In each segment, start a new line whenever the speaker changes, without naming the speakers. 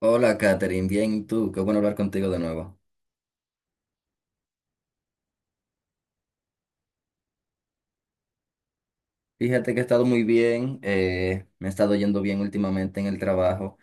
Hola, Katherine, bien, ¿y tú? Qué bueno hablar contigo de nuevo. Fíjate que he estado muy bien, me he estado yendo bien últimamente en el trabajo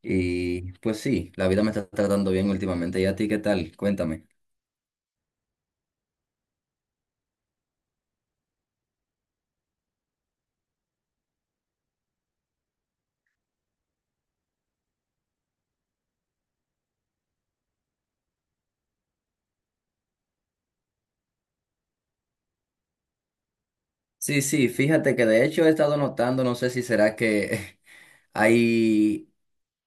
y pues sí, la vida me está tratando bien últimamente. ¿Y a ti qué tal? Cuéntame. Sí, sí, fíjate que de hecho he estado notando, no sé si será que hay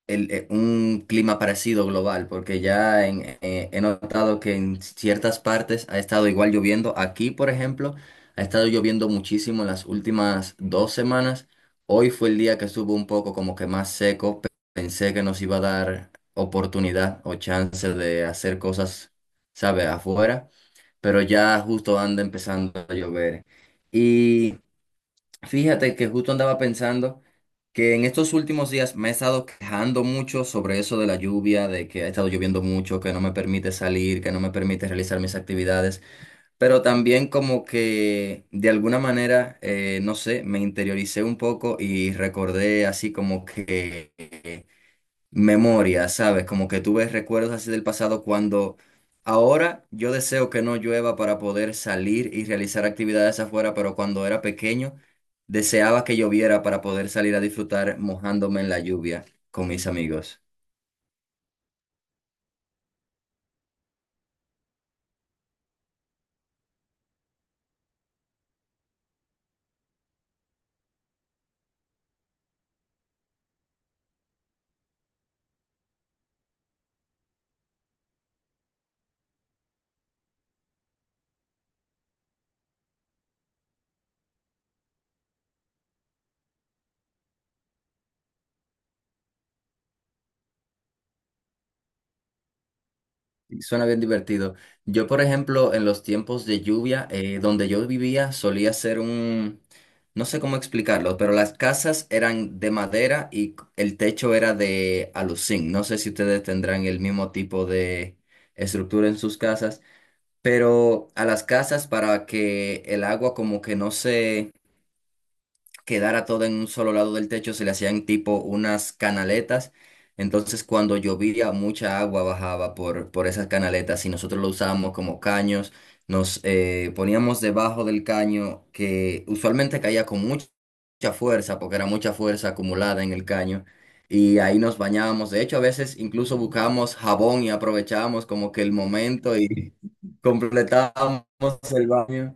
un clima parecido global, porque ya he notado que en ciertas partes ha estado igual lloviendo. Aquí, por ejemplo, ha estado lloviendo muchísimo en las últimas dos semanas. Hoy fue el día que estuvo un poco como que más seco. Pensé que nos iba a dar oportunidad o chance de hacer cosas, sabe afuera, pero ya justo anda empezando a llover. Fíjate que justo andaba pensando que en estos últimos días me he estado quejando mucho sobre eso de la lluvia, de que ha estado lloviendo mucho, que no me permite salir, que no me permite realizar mis actividades, pero también como que de alguna manera, no sé, me interioricé un poco y recordé así como que memoria, ¿sabes? Como que tú ves recuerdos así del pasado cuando ahora yo deseo que no llueva para poder salir y realizar actividades afuera, pero cuando era pequeño deseaba que lloviera para poder salir a disfrutar mojándome en la lluvia con mis amigos. Sí, suena bien divertido. Yo, por ejemplo, en los tiempos de lluvia, donde yo vivía, solía ser no sé cómo explicarlo, pero las casas eran de madera y el techo era de aluzinc. No sé si ustedes tendrán el mismo tipo de estructura en sus casas, pero a las casas para que el agua como que no se quedara todo en un solo lado del techo, se le hacían tipo unas canaletas. Entonces cuando llovía, mucha agua bajaba por esas canaletas y nosotros lo usábamos como caños. Nos poníamos debajo del caño que usualmente caía con mucha fuerza, porque era mucha fuerza acumulada en el caño. Y ahí nos bañábamos. De hecho, a veces incluso buscábamos jabón y aprovechábamos como que el momento y completábamos el baño.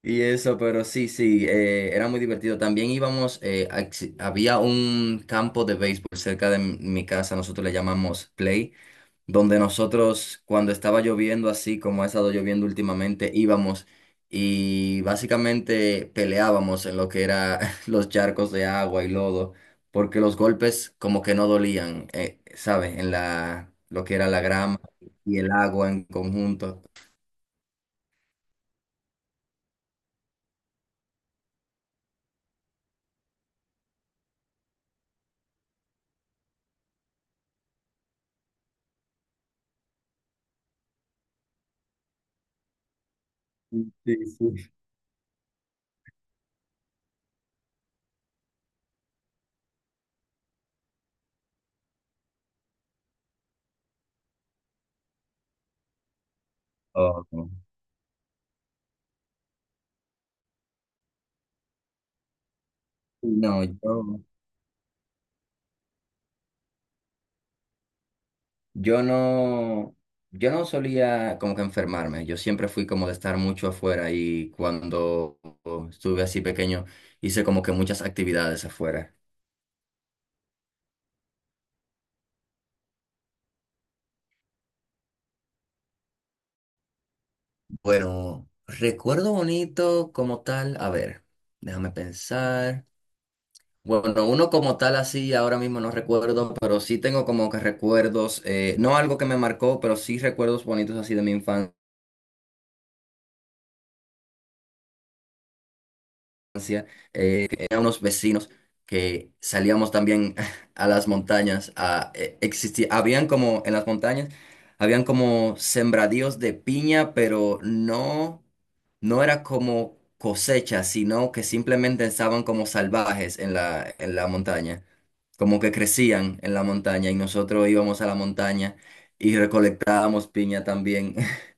Y eso, pero sí, sí, era muy divertido. También íbamos, había un campo de béisbol cerca de mi casa, nosotros le llamamos Play, donde nosotros cuando estaba lloviendo así como ha estado lloviendo últimamente, íbamos y básicamente peleábamos en lo que era los charcos de agua y lodo, porque los golpes como que no dolían, ¿sabes? Lo que era la grama y el agua en conjunto. Sí, sí. Oh, no. No, yo... Yo no, yo no solía como que enfermarme, yo siempre fui como de estar mucho afuera y cuando estuve así pequeño hice como que muchas actividades afuera. Bueno, recuerdo bonito como tal, a ver, déjame pensar. Bueno, uno como tal así ahora mismo no recuerdo, pero sí tengo como que recuerdos, no algo que me marcó, pero sí recuerdos bonitos así de mi infancia. Tenía unos vecinos que salíamos también a las montañas. Existía, habían como en las montañas, habían como sembradíos de piña, pero no, no era como cosecha, sino que simplemente estaban como salvajes en la montaña, como que crecían en la montaña y nosotros íbamos a la montaña y recolectábamos piña también.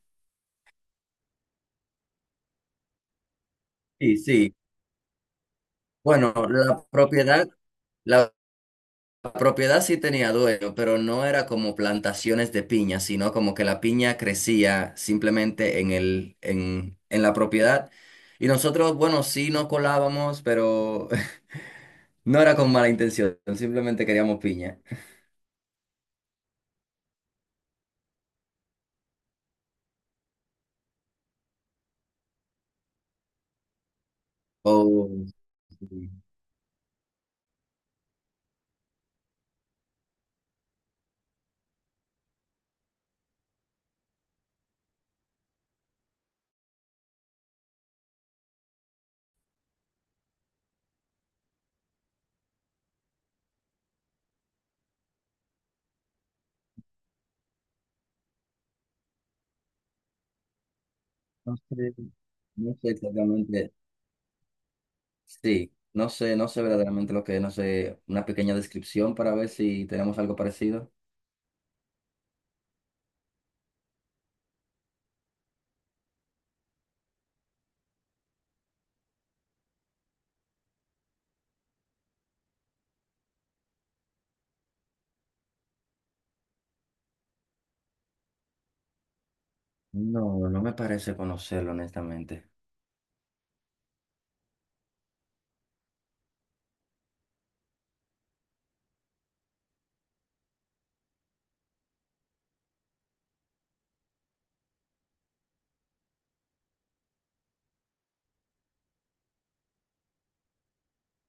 Sí, sí. Bueno, la propiedad. La propiedad sí tenía dueño, pero no era como plantaciones de piña, sino como que la piña crecía simplemente en en la propiedad. Y nosotros, bueno, sí nos colábamos, pero no era con mala intención, simplemente queríamos piña. Oh, sí. No sé, no sé exactamente, sí, no sé, no sé verdaderamente lo que es, no sé, una pequeña descripción para ver si tenemos algo parecido. No, no me parece conocerlo, honestamente.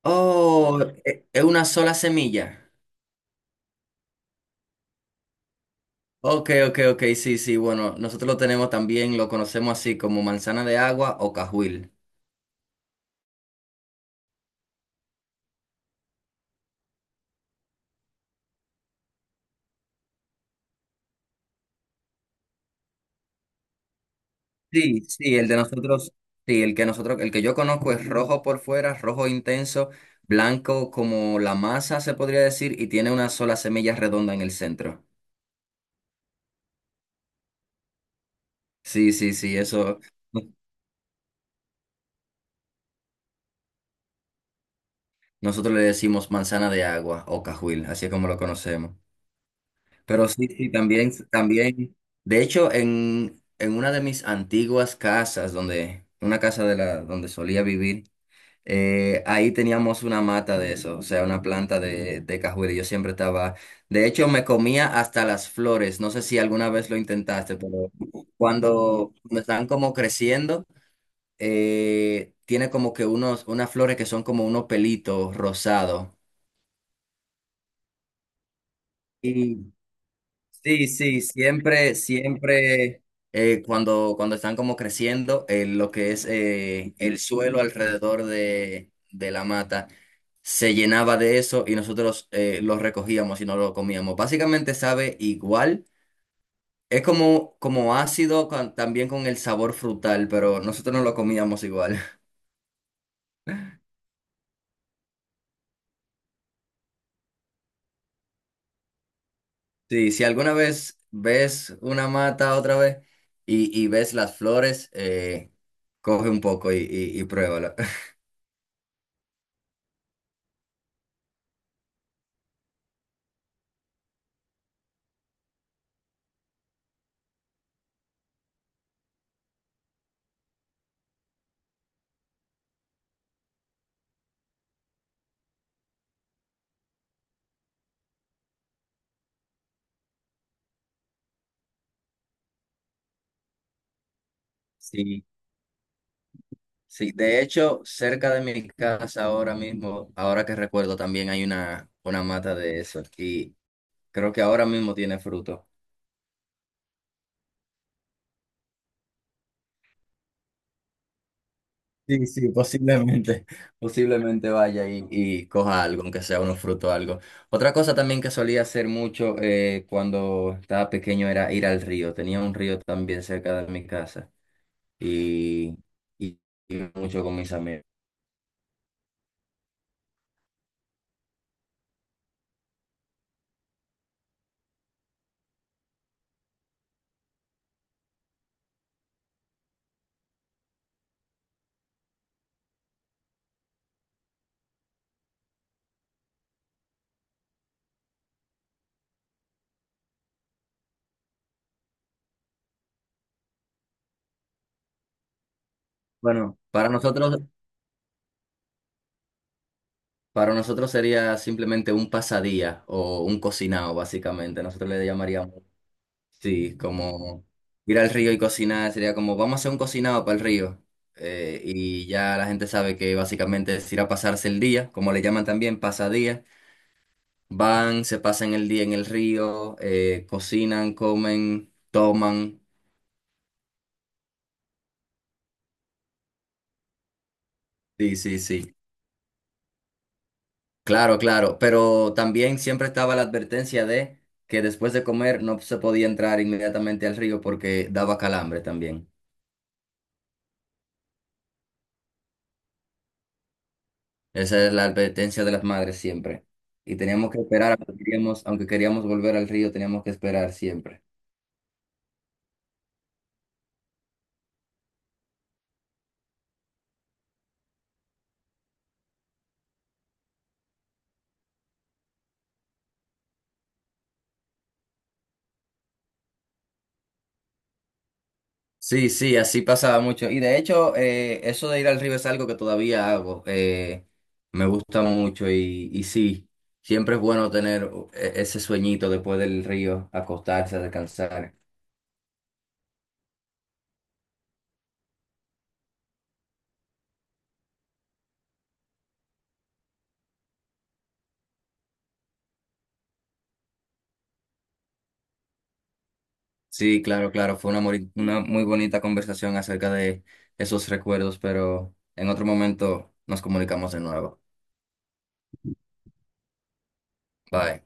Oh, es una sola semilla. Ok, ok, ok, sí, sí, bueno, nosotros lo tenemos también, lo conocemos así como manzana de agua o cajuil. Sí, sí, el de nosotros, sí, el que nosotros, el que yo conozco es rojo por fuera, rojo intenso, blanco como la masa se podría decir, y tiene una sola semilla redonda en el centro. Sí, sí, sí, eso no- nosotros le decimos manzana de agua o cajuil, así es como lo conocemos. Pero sí, sí, también, también. De hecho, en una de mis antiguas casas, una casa donde solía vivir, ahí teníamos una mata de eso, o sea, una planta de cajuela. Y yo siempre estaba, de hecho, me comía hasta las flores. No sé si alguna vez lo intentaste, pero cuando están como creciendo, tiene como que unas flores que son como unos pelitos rosados. Sí, sí, siempre, cuando, cuando están como creciendo, lo que es el suelo alrededor de la mata se llenaba de eso y nosotros lo recogíamos y no lo comíamos. Básicamente sabe igual, es como, como ácido también con el sabor frutal, pero nosotros no lo comíamos igual. Sí, si alguna vez ves una mata otra vez y ves las flores, coge un poco y pruébalo. Sí. Sí, de hecho, cerca de mi casa ahora mismo, ahora que recuerdo, también hay una mata de eso y creo que ahora mismo tiene fruto. Sí, sí, posiblemente, posiblemente vaya y coja algo, aunque sea unos frutos o algo. Otra cosa también que solía hacer mucho cuando estaba pequeño era ir al río. Tenía un río también cerca de mi casa y, y, y mucho con mis amigos. Bueno, para nosotros Para nosotros sería simplemente un pasadía o un cocinado, básicamente. Nosotros le llamaríamos, sí, como ir al río y cocinar. Sería como, vamos a hacer un cocinado para el río. Y ya la gente sabe que básicamente es ir a pasarse el día, como le llaman también, pasadía. Van, se pasan el día en el río, cocinan, comen, toman. Sí, sí, sí. Claro, claro, pero también siempre estaba la advertencia de que después de comer no se podía entrar inmediatamente al río porque daba calambre también. Esa es la advertencia de las madres siempre. Y teníamos que esperar, aunque queríamos volver al río, teníamos que esperar siempre. Sí, sí, así pasaba mucho. Y de hecho, eso de ir al río es algo que todavía hago. Me gusta mucho y sí, siempre es bueno tener ese sueñito después del río, acostarse, descansar. Sí, claro, claro, fue una muy bonita conversación acerca de esos recuerdos, pero en otro momento nos comunicamos de nuevo. Bye.